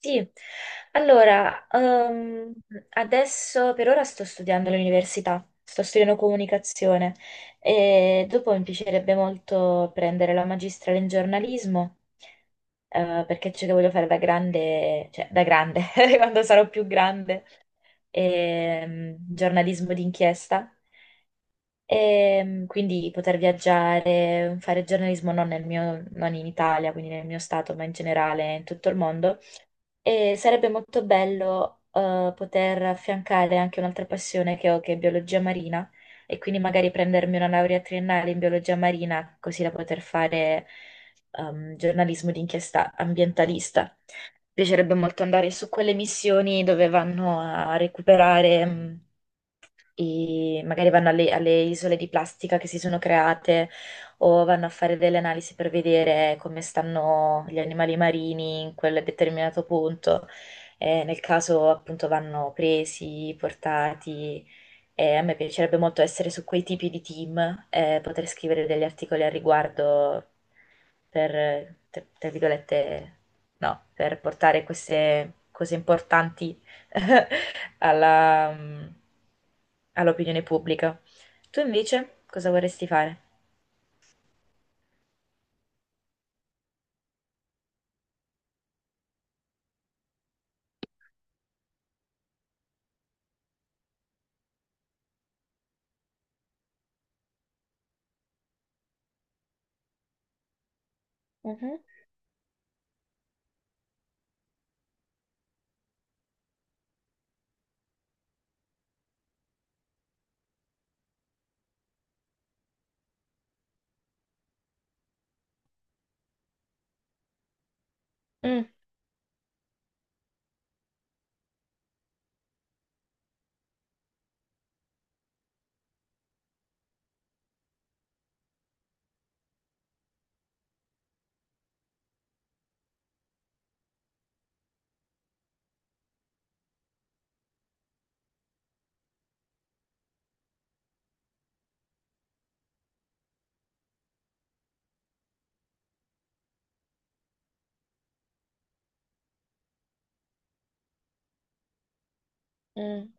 Sì, allora, adesso per ora sto studiando all'università, sto studiando comunicazione e dopo mi piacerebbe molto prendere la magistrale in giornalismo, perché c'è che voglio fare da grande, cioè da grande, quando sarò più grande, giornalismo d'inchiesta, e quindi poter viaggiare, fare giornalismo non nel mio, non in Italia, quindi nel mio stato, ma in generale in tutto il mondo e sarebbe molto bello poter affiancare anche un'altra passione che ho, che è biologia marina, e quindi magari prendermi una laurea triennale in biologia marina, così da poter fare giornalismo d'inchiesta ambientalista piacerebbe molto andare su quelle missioni dove vanno a recuperare, magari vanno alle isole di plastica che si sono create o vanno a fare delle analisi per vedere come stanno gli animali marini in quel determinato punto. Nel caso appunto vanno presi, portati e a me piacerebbe molto essere su quei tipi di team e poter scrivere degli articoli al riguardo per, tra virgolette, no, per portare queste cose importanti alla, mm, all'opinione pubblica. Tu invece cosa vorresti fare? Mhm. Mm. Mm.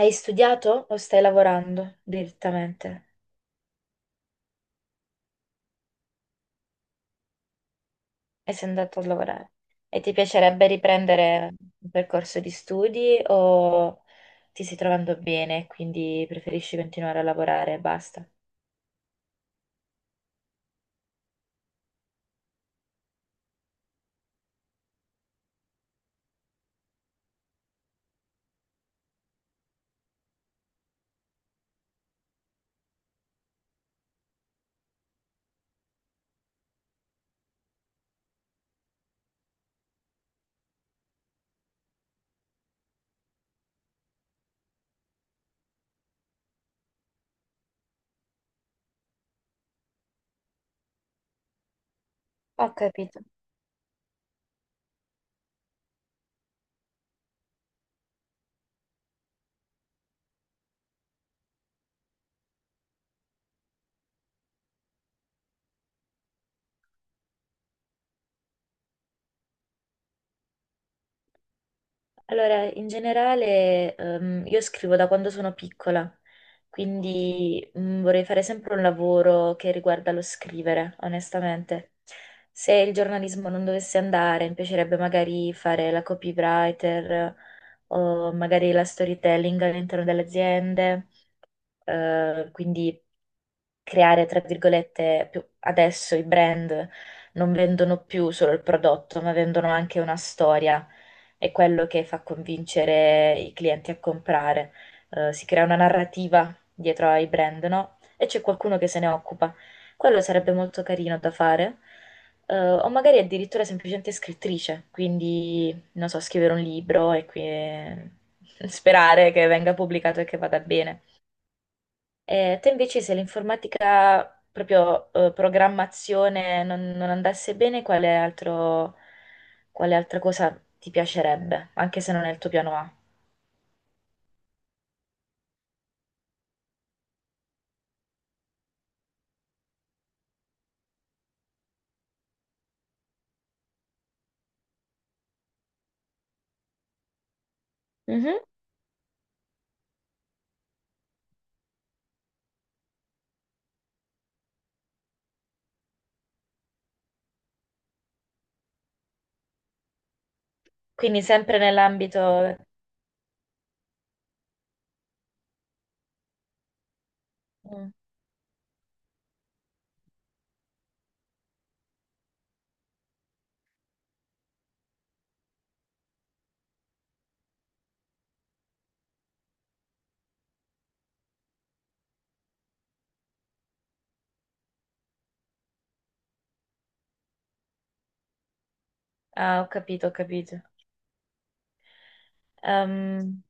Hai studiato o stai lavorando direttamente? E sei andato a lavorare. E ti piacerebbe riprendere un percorso di studi o ti stai trovando bene e quindi preferisci continuare a lavorare e basta? Ho capito. Allora, in generale, io scrivo da quando sono piccola, quindi mm, vorrei fare sempre un lavoro che riguarda lo scrivere, onestamente. Se il giornalismo non dovesse andare, mi piacerebbe magari fare la copywriter o magari la storytelling all'interno delle aziende. Eh, quindi creare, tra virgolette, adesso i brand non vendono più solo il prodotto, ma vendono anche una storia, è quello che fa convincere i clienti a comprare. Si crea una narrativa dietro ai brand, no? E c'è qualcuno che se ne occupa. Quello sarebbe molto carino da fare. O magari addirittura semplicemente scrittrice, quindi non so, scrivere un libro e sperare che venga pubblicato e che vada bene. Te invece se l'informatica, proprio programmazione, non andasse bene, quale altra cosa ti piacerebbe, anche se non è il tuo piano A? Mhm. Quindi sempre nell'ambito... Mm. Ah, ho capito, ho capito. Ehm,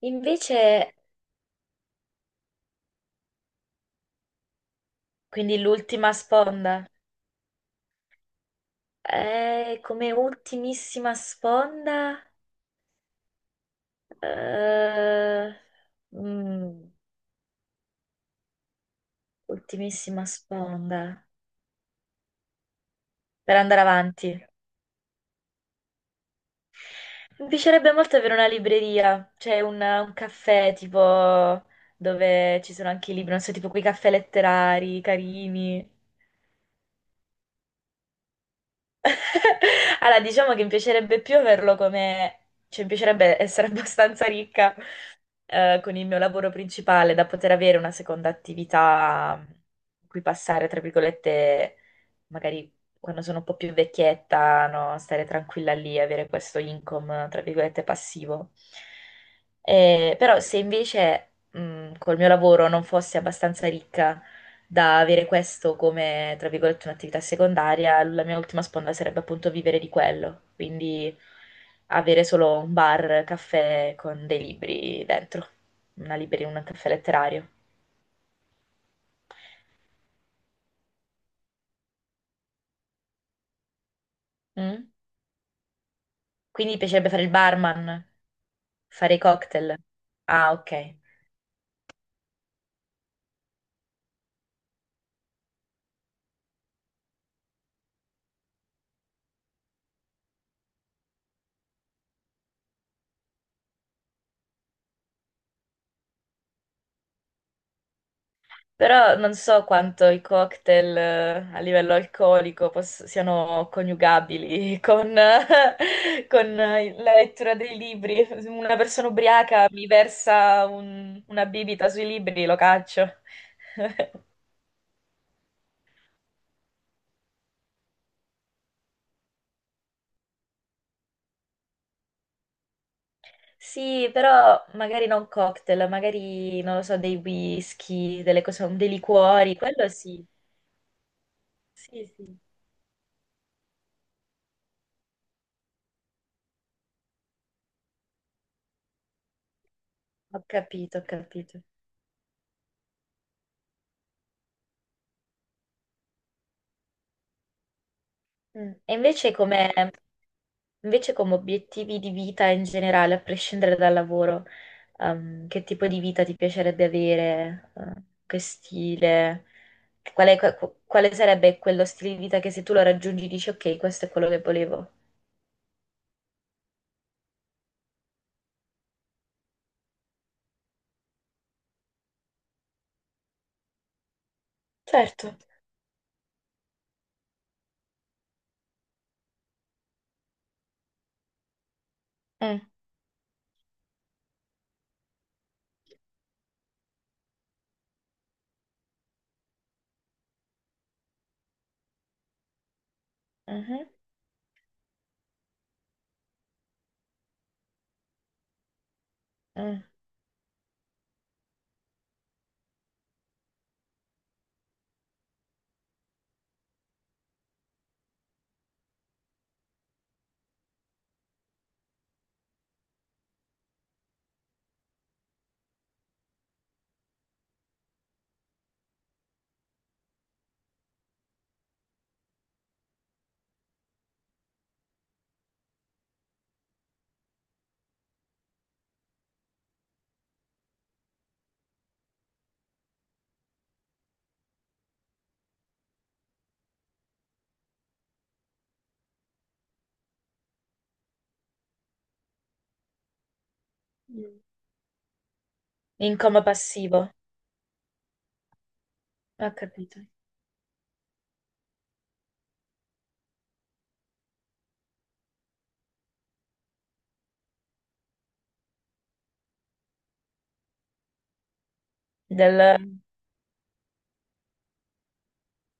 invece, quindi l'ultima sponda. Come ultimissima sponda... eh, mm, ultimissima sponda. Per andare avanti. Mi piacerebbe molto avere una libreria, cioè un caffè tipo dove ci sono anche i libri, non so, tipo quei caffè letterari carini. Allora, diciamo che mi piacerebbe più averlo come... cioè mi piacerebbe essere abbastanza ricca con il mio lavoro principale da poter avere una seconda attività in cui passare, tra virgolette, magari quando sono un po' più vecchietta, no? Stare tranquilla lì, avere questo income, tra virgolette, passivo. Però se invece, col mio lavoro non fossi abbastanza ricca, da avere questo come, tra virgolette, un'attività secondaria, la mia ultima sponda sarebbe appunto vivere di quello, quindi avere solo un bar, caffè con dei libri dentro, una libreria, un caffè letterario. Mm? Quindi mi piacerebbe fare il barman, fare i cocktail. Ah, ok. Però non so quanto i cocktail a livello alcolico siano coniugabili con, la lettura dei libri. Se una persona ubriaca mi versa una bibita sui libri, lo caccio. Sì, però magari non cocktail, magari non lo so, dei whisky, delle cose, dei liquori, quello sì. Sì, sì. Ho capito, ho capito. Mm. Invece come obiettivi di vita in generale, a prescindere dal lavoro? Che tipo di vita ti piacerebbe avere, che stile, quale sarebbe quello stile di vita che se tu lo raggiungi dici ok, questo è quello che volevo. Certo. Mm, mhm, mm. Mm. In coma passivo, ho capito. Del...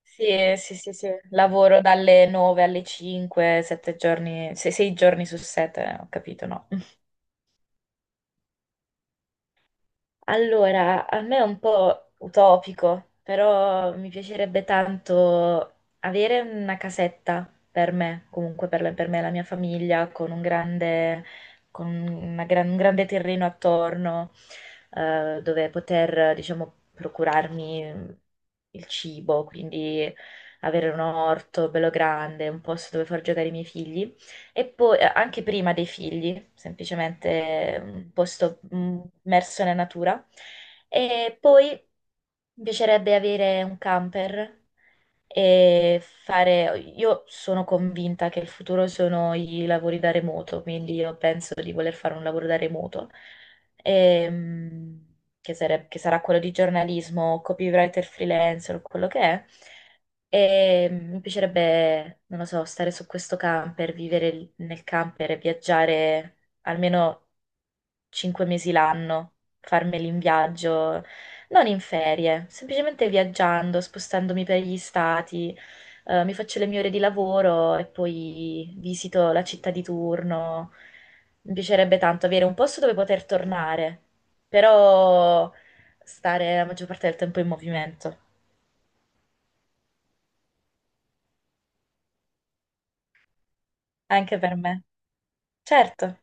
Sì, sì, sì, sì. Lavoro dalle 9 alle 5, 7 giorni, 6 giorni su 7, ho capito, no. Allora, a me è un po' utopico, però mi piacerebbe tanto avere una casetta per me, comunque per, per me e la mia famiglia, con un grande, con una un grande terreno attorno, dove poter, diciamo, procurarmi il cibo, quindi avere un orto bello grande, un posto dove far giocare i miei figli. E poi anche prima dei figli, semplicemente un posto mm, immerso nella natura. E poi mi piacerebbe avere un camper e fare... Io sono convinta che il futuro sono i lavori da remoto, quindi io penso di voler fare un lavoro da remoto, ehm, che sarà quello di giornalismo, copywriter freelancer o quello che è. E mi piacerebbe, non lo so, stare su questo camper, vivere nel camper e viaggiare almeno 5 mesi l'anno, farmeli in viaggio, non in ferie, semplicemente viaggiando, spostandomi per gli stati, mi faccio le mie ore di lavoro e poi visito la città di turno. Mi piacerebbe tanto avere un posto dove poter tornare, però stare la maggior parte del tempo in movimento, anche per me. Certo.